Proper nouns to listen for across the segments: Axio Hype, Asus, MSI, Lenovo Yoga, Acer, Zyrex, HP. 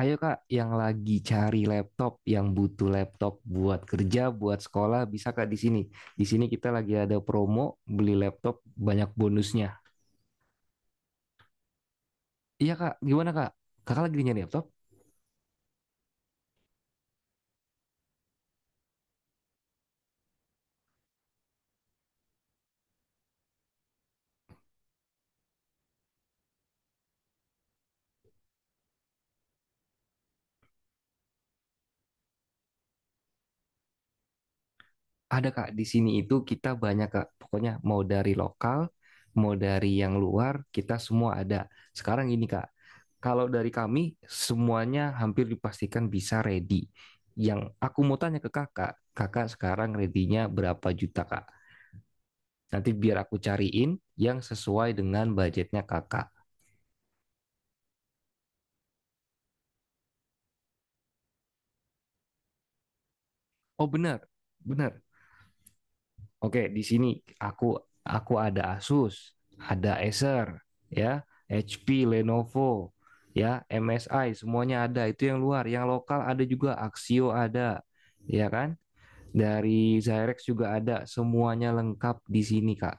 Ayo Kak, yang lagi cari laptop, yang butuh laptop buat kerja, buat sekolah, bisa Kak di sini. Di sini kita lagi ada promo beli laptop banyak bonusnya. Iya Kak, gimana Kak? Kakak lagi nyari laptop? Ada Kak, di sini itu kita banyak Kak. Pokoknya mau dari lokal, mau dari yang luar, kita semua ada. Sekarang ini Kak, kalau dari kami semuanya hampir dipastikan bisa ready. Yang aku mau tanya ke Kakak, Kakak sekarang ready-nya berapa juta Kak? Nanti biar aku cariin yang sesuai dengan budgetnya kakak. Oh benar, benar. Oke, di sini aku aku ada Asus, ada Acer, ya, HP, Lenovo, ya, MSI, semuanya ada. Itu yang luar, yang lokal ada juga Axio ada, ya kan? Dari Zyrex juga ada, semuanya lengkap di sini, Kak.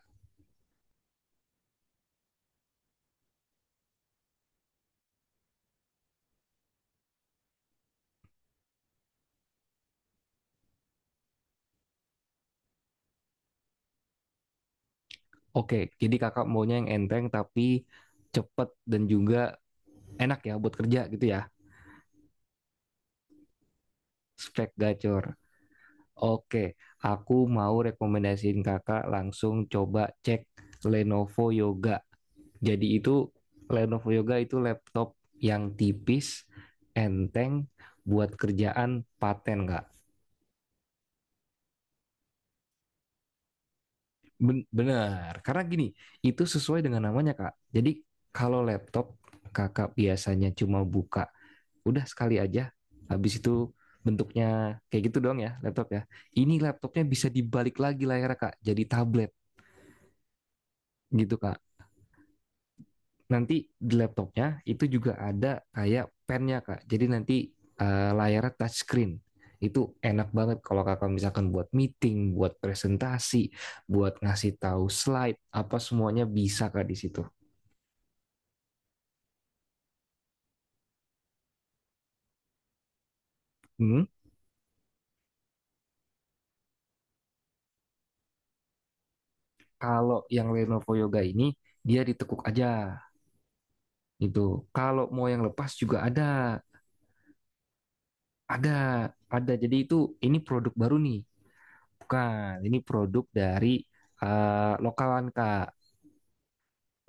Oke, jadi kakak maunya yang enteng tapi cepet dan juga enak ya buat kerja gitu ya. Spek gacor. Oke, aku mau rekomendasiin kakak langsung coba cek Lenovo Yoga. Jadi itu Lenovo Yoga itu laptop yang tipis, enteng, buat kerjaan paten, Kak. Benar, karena gini, itu sesuai dengan namanya, Kak. Jadi kalau laptop kakak biasanya cuma buka, udah sekali aja, habis itu bentuknya kayak gitu doang ya laptop ya. Ini laptopnya bisa dibalik lagi layarnya, Kak, jadi tablet gitu, Kak. Nanti di laptopnya itu juga ada kayak pennya kak, jadi nanti layarnya touch screen itu enak banget kalau kakak misalkan buat meeting buat presentasi buat ngasih tahu slide apa semuanya bisa kak di situ. Hmm, kalau yang Lenovo Yoga ini dia ditekuk aja itu, kalau mau yang lepas juga ada. ada ada jadi itu ini produk baru nih, bukan ini produk dari lokalan kak,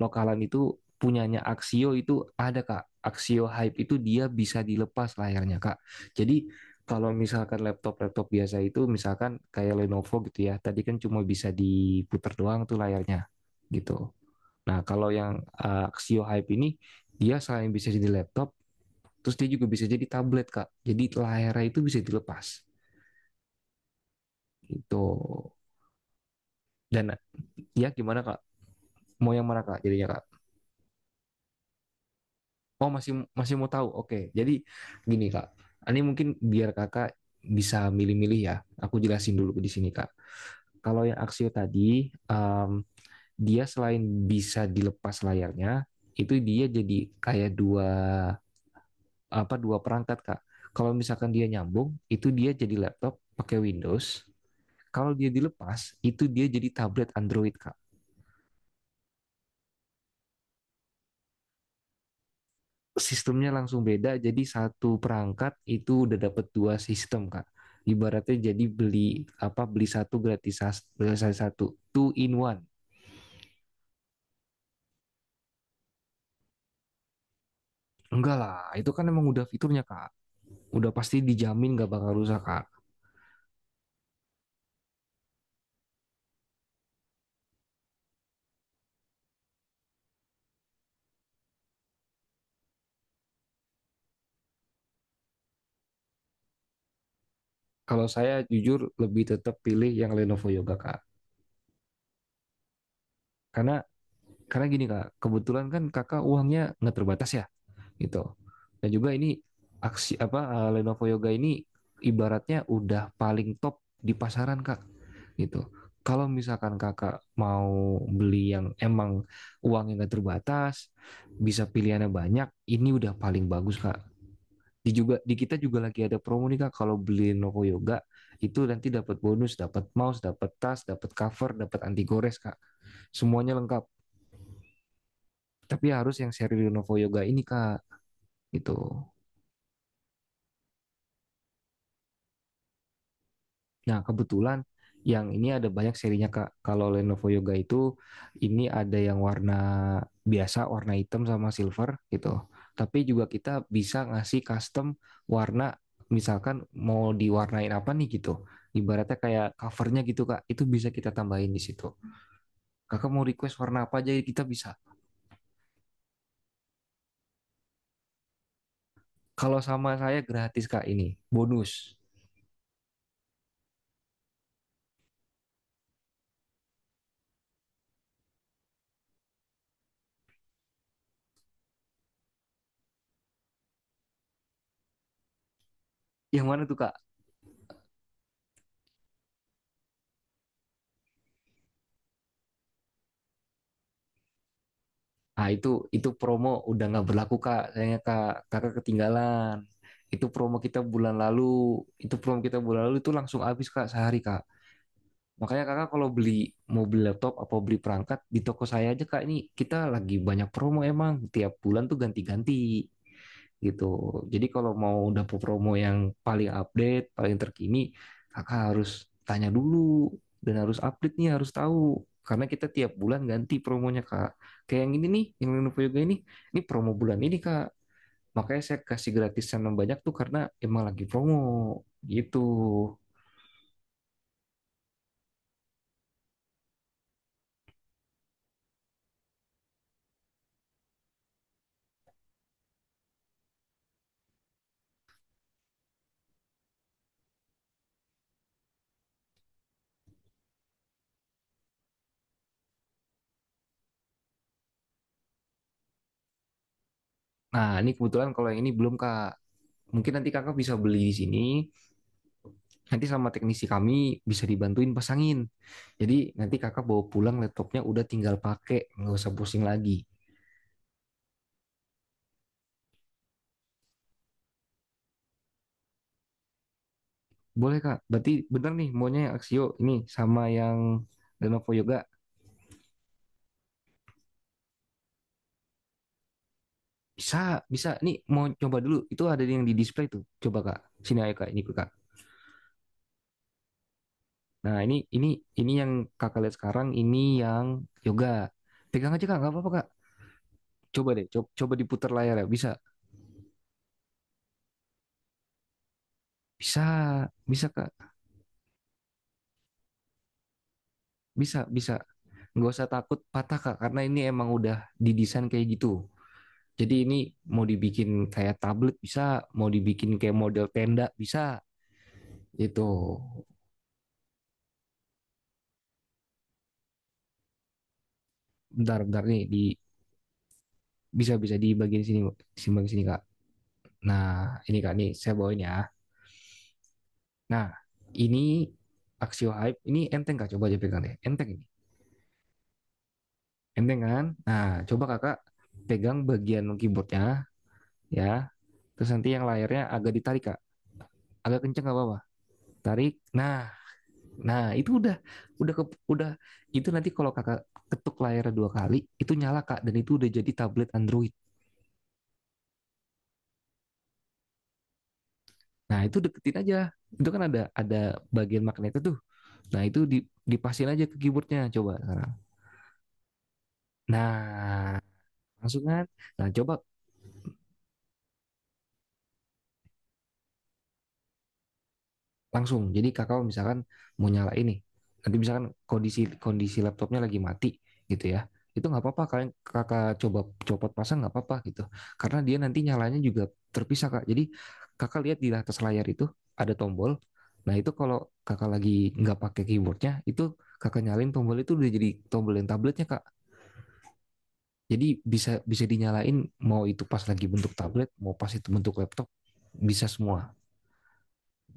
lokalan itu punyanya Axio itu ada kak. Axio Hype itu dia bisa dilepas layarnya kak. Jadi kalau misalkan laptop-laptop biasa itu misalkan kayak Lenovo gitu ya tadi kan cuma bisa diputar doang tuh layarnya gitu. Nah kalau yang Axio Hype ini dia selain bisa jadi laptop, terus dia juga bisa jadi tablet kak, jadi layarnya itu bisa dilepas gitu. Dan ya gimana kak, mau yang mana kak jadinya kak? Oh masih masih mau tahu. Oke. Jadi gini Kak. Ini mungkin biar Kakak bisa milih-milih ya. Aku jelasin dulu di sini Kak. Kalau yang Axio tadi dia selain bisa dilepas layarnya, itu dia jadi kayak dua apa dua perangkat Kak. Kalau misalkan dia nyambung, itu dia jadi laptop pakai Windows. Kalau dia dilepas, itu dia jadi tablet Android Kak. Sistemnya langsung beda. Jadi satu perangkat itu udah dapat dua sistem, Kak. Ibaratnya jadi beli apa beli satu gratis gratis satu two in one. Enggak lah, itu kan emang udah fiturnya, Kak. Udah pasti dijamin gak bakal rusak, Kak. Kalau saya jujur lebih tetap pilih yang Lenovo Yoga, Kak. Karena karena gini, Kak. Kebetulan kan Kakak uangnya nggak terbatas ya. Gitu. Dan juga ini aksi apa Lenovo Yoga ini ibaratnya udah paling top di pasaran kak gitu. Kalau misalkan kakak mau beli yang emang uangnya nggak terbatas, bisa pilihannya banyak, ini udah paling bagus kak. Di juga di kita juga lagi ada promo nih kak, kalau beli Lenovo Yoga itu nanti dapat bonus, dapat mouse, dapat tas, dapat cover, dapat anti gores kak, semuanya lengkap, tapi harus yang seri Lenovo Yoga ini kak gitu. Nah, kebetulan yang ini ada banyak serinya, Kak. Kalau Lenovo Yoga itu ini ada yang warna biasa, warna hitam sama silver gitu. Tapi juga kita bisa ngasih custom warna, misalkan mau diwarnain apa nih gitu. Ibaratnya kayak covernya gitu, Kak. Itu bisa kita tambahin di situ. Kakak mau request warna apa aja kita bisa. Kalau sama saya gratis, Kak, ini. Bonus. Yang mana tuh, Kak? Ah itu promo udah nggak berlaku kak, sayangnya kak kakak ketinggalan. Itu promo kita bulan lalu, itu promo kita bulan lalu itu langsung habis kak sehari kak. Makanya kakak kalau beli mau beli laptop apa beli perangkat di toko saya aja kak, ini kita lagi banyak promo emang tiap bulan tuh ganti-ganti gitu. Jadi kalau mau dapur promo yang paling update, paling terkini, kakak harus tanya dulu dan harus update nih, harus tahu. Karena kita tiap bulan ganti promonya kak. Kayak yang ini nih, yang Lenovo Yoga ini promo bulan ini kak. Makanya saya kasih gratisan yang banyak tuh karena emang lagi promo gitu. Nah ini kebetulan kalau yang ini belum kak. Mungkin nanti kakak bisa beli di sini nanti sama teknisi kami bisa dibantuin pasangin. Jadi nanti kakak bawa pulang laptopnya udah tinggal pakai, nggak usah pusing lagi. Boleh kak, berarti bener nih maunya yang Axio ini sama yang Lenovo Yoga. Bisa, bisa. Nih mau coba dulu. Itu ada yang di display tuh. Coba kak. Sini ayo kak, ini kak. Nah, ini yang kakak lihat sekarang. Ini yang Yoga. Pegang aja kak, nggak apa-apa kak. Coba deh, Coba coba, diputar layar ya. Bisa, bisa, bisa kak. Bisa, bisa. Nggak usah takut patah Kak, karena ini emang udah didesain kayak gitu. Jadi ini mau dibikin kayak tablet bisa, mau dibikin kayak model tenda bisa. Itu bentar bentar nih di bisa bisa di bagian sini Kak. Nah, ini Kak nih saya bawain ya. Nah, ini Axio Hype, ini enteng Kak, coba aja pegang deh. Enteng ini. Enteng kan? Nah, coba Kakak pegang bagian keyboardnya ya. Terus nanti yang layarnya agak ditarik Kak. Agak kenceng nggak apa-apa. Tarik. Nah, Nah, itu udah ke, udah itu nanti kalau Kakak ketuk layarnya dua kali, itu nyala Kak dan itu udah jadi tablet Android. Nah, itu deketin aja. Itu kan ada bagian magnet tuh. Nah, itu di, dipasin aja ke keyboardnya coba sekarang. Nah, langsung kan. Nah, coba langsung. Jadi kakak misalkan mau nyala ini, nanti misalkan kondisi kondisi laptopnya lagi mati gitu ya, itu nggak apa-apa kalian kakak coba copot pasang nggak apa-apa gitu, karena dia nanti nyalanya juga terpisah kak. Jadi kakak lihat di atas layar itu ada tombol, nah itu kalau kakak lagi nggak pakai keyboardnya itu kakak nyalain tombol itu udah jadi tombol yang tabletnya kak. Jadi bisa bisa dinyalain, mau itu pas lagi bentuk tablet, mau pas itu bentuk laptop, bisa semua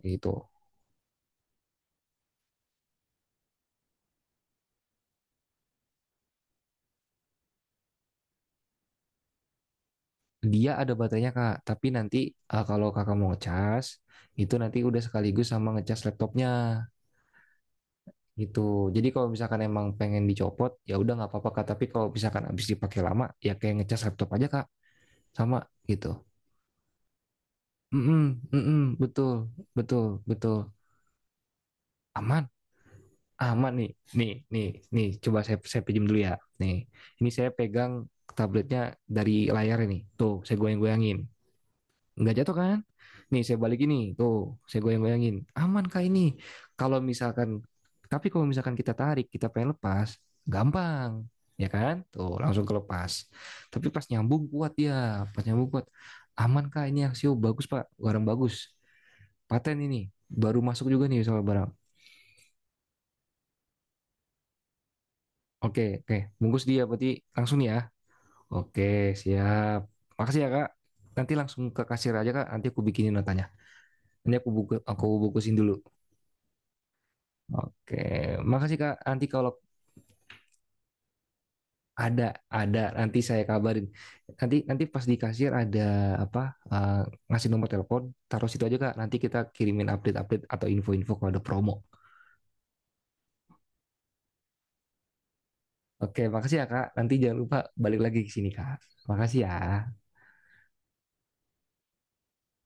gitu. Dia ada baterainya kak, tapi nanti kalau kakak mau ngecas, itu nanti udah sekaligus sama ngecas laptopnya gitu. Jadi kalau misalkan emang pengen dicopot, ya udah nggak apa-apa kak. Tapi kalau misalkan habis dipakai lama, ya kayak ngecas laptop aja kak, sama gitu. Mm-mm, mm-mm, betul, betul, betul. Aman, aman nih, nih, nih, nih. Coba saya pinjam dulu ya. Nih, ini saya pegang tabletnya dari layar ini. Tuh, saya goyang-goyangin. Nggak jatuh kan? Nih saya balik ini, tuh saya goyang-goyangin, aman kah ini? Kalau misalkan, tapi kalau misalkan kita tarik, kita pengen lepas, gampang, ya kan? Tuh langsung kelepas. Tapi pas nyambung kuat dia, pas nyambung kuat, aman kah ini aksio? Bagus pak, barang bagus, paten ini, baru masuk juga nih soal barang. Oke, oke, bungkus dia berarti langsung nih ya. Oke, siap. Makasih ya kak. Nanti langsung ke kasir aja kak. Nanti aku bikinin notanya. Nanti aku buku, aku bungkusin dulu. Oke, makasih Kak. Nanti kalau ada ada nanti saya kabarin. Nanti nanti pas di kasir ada apa eh, ngasih nomor telepon, taruh situ aja Kak. Nanti kita kirimin update-update atau info-info kalau ada promo. Oke, makasih ya Kak. Nanti jangan lupa balik lagi ke sini Kak. Makasih ya.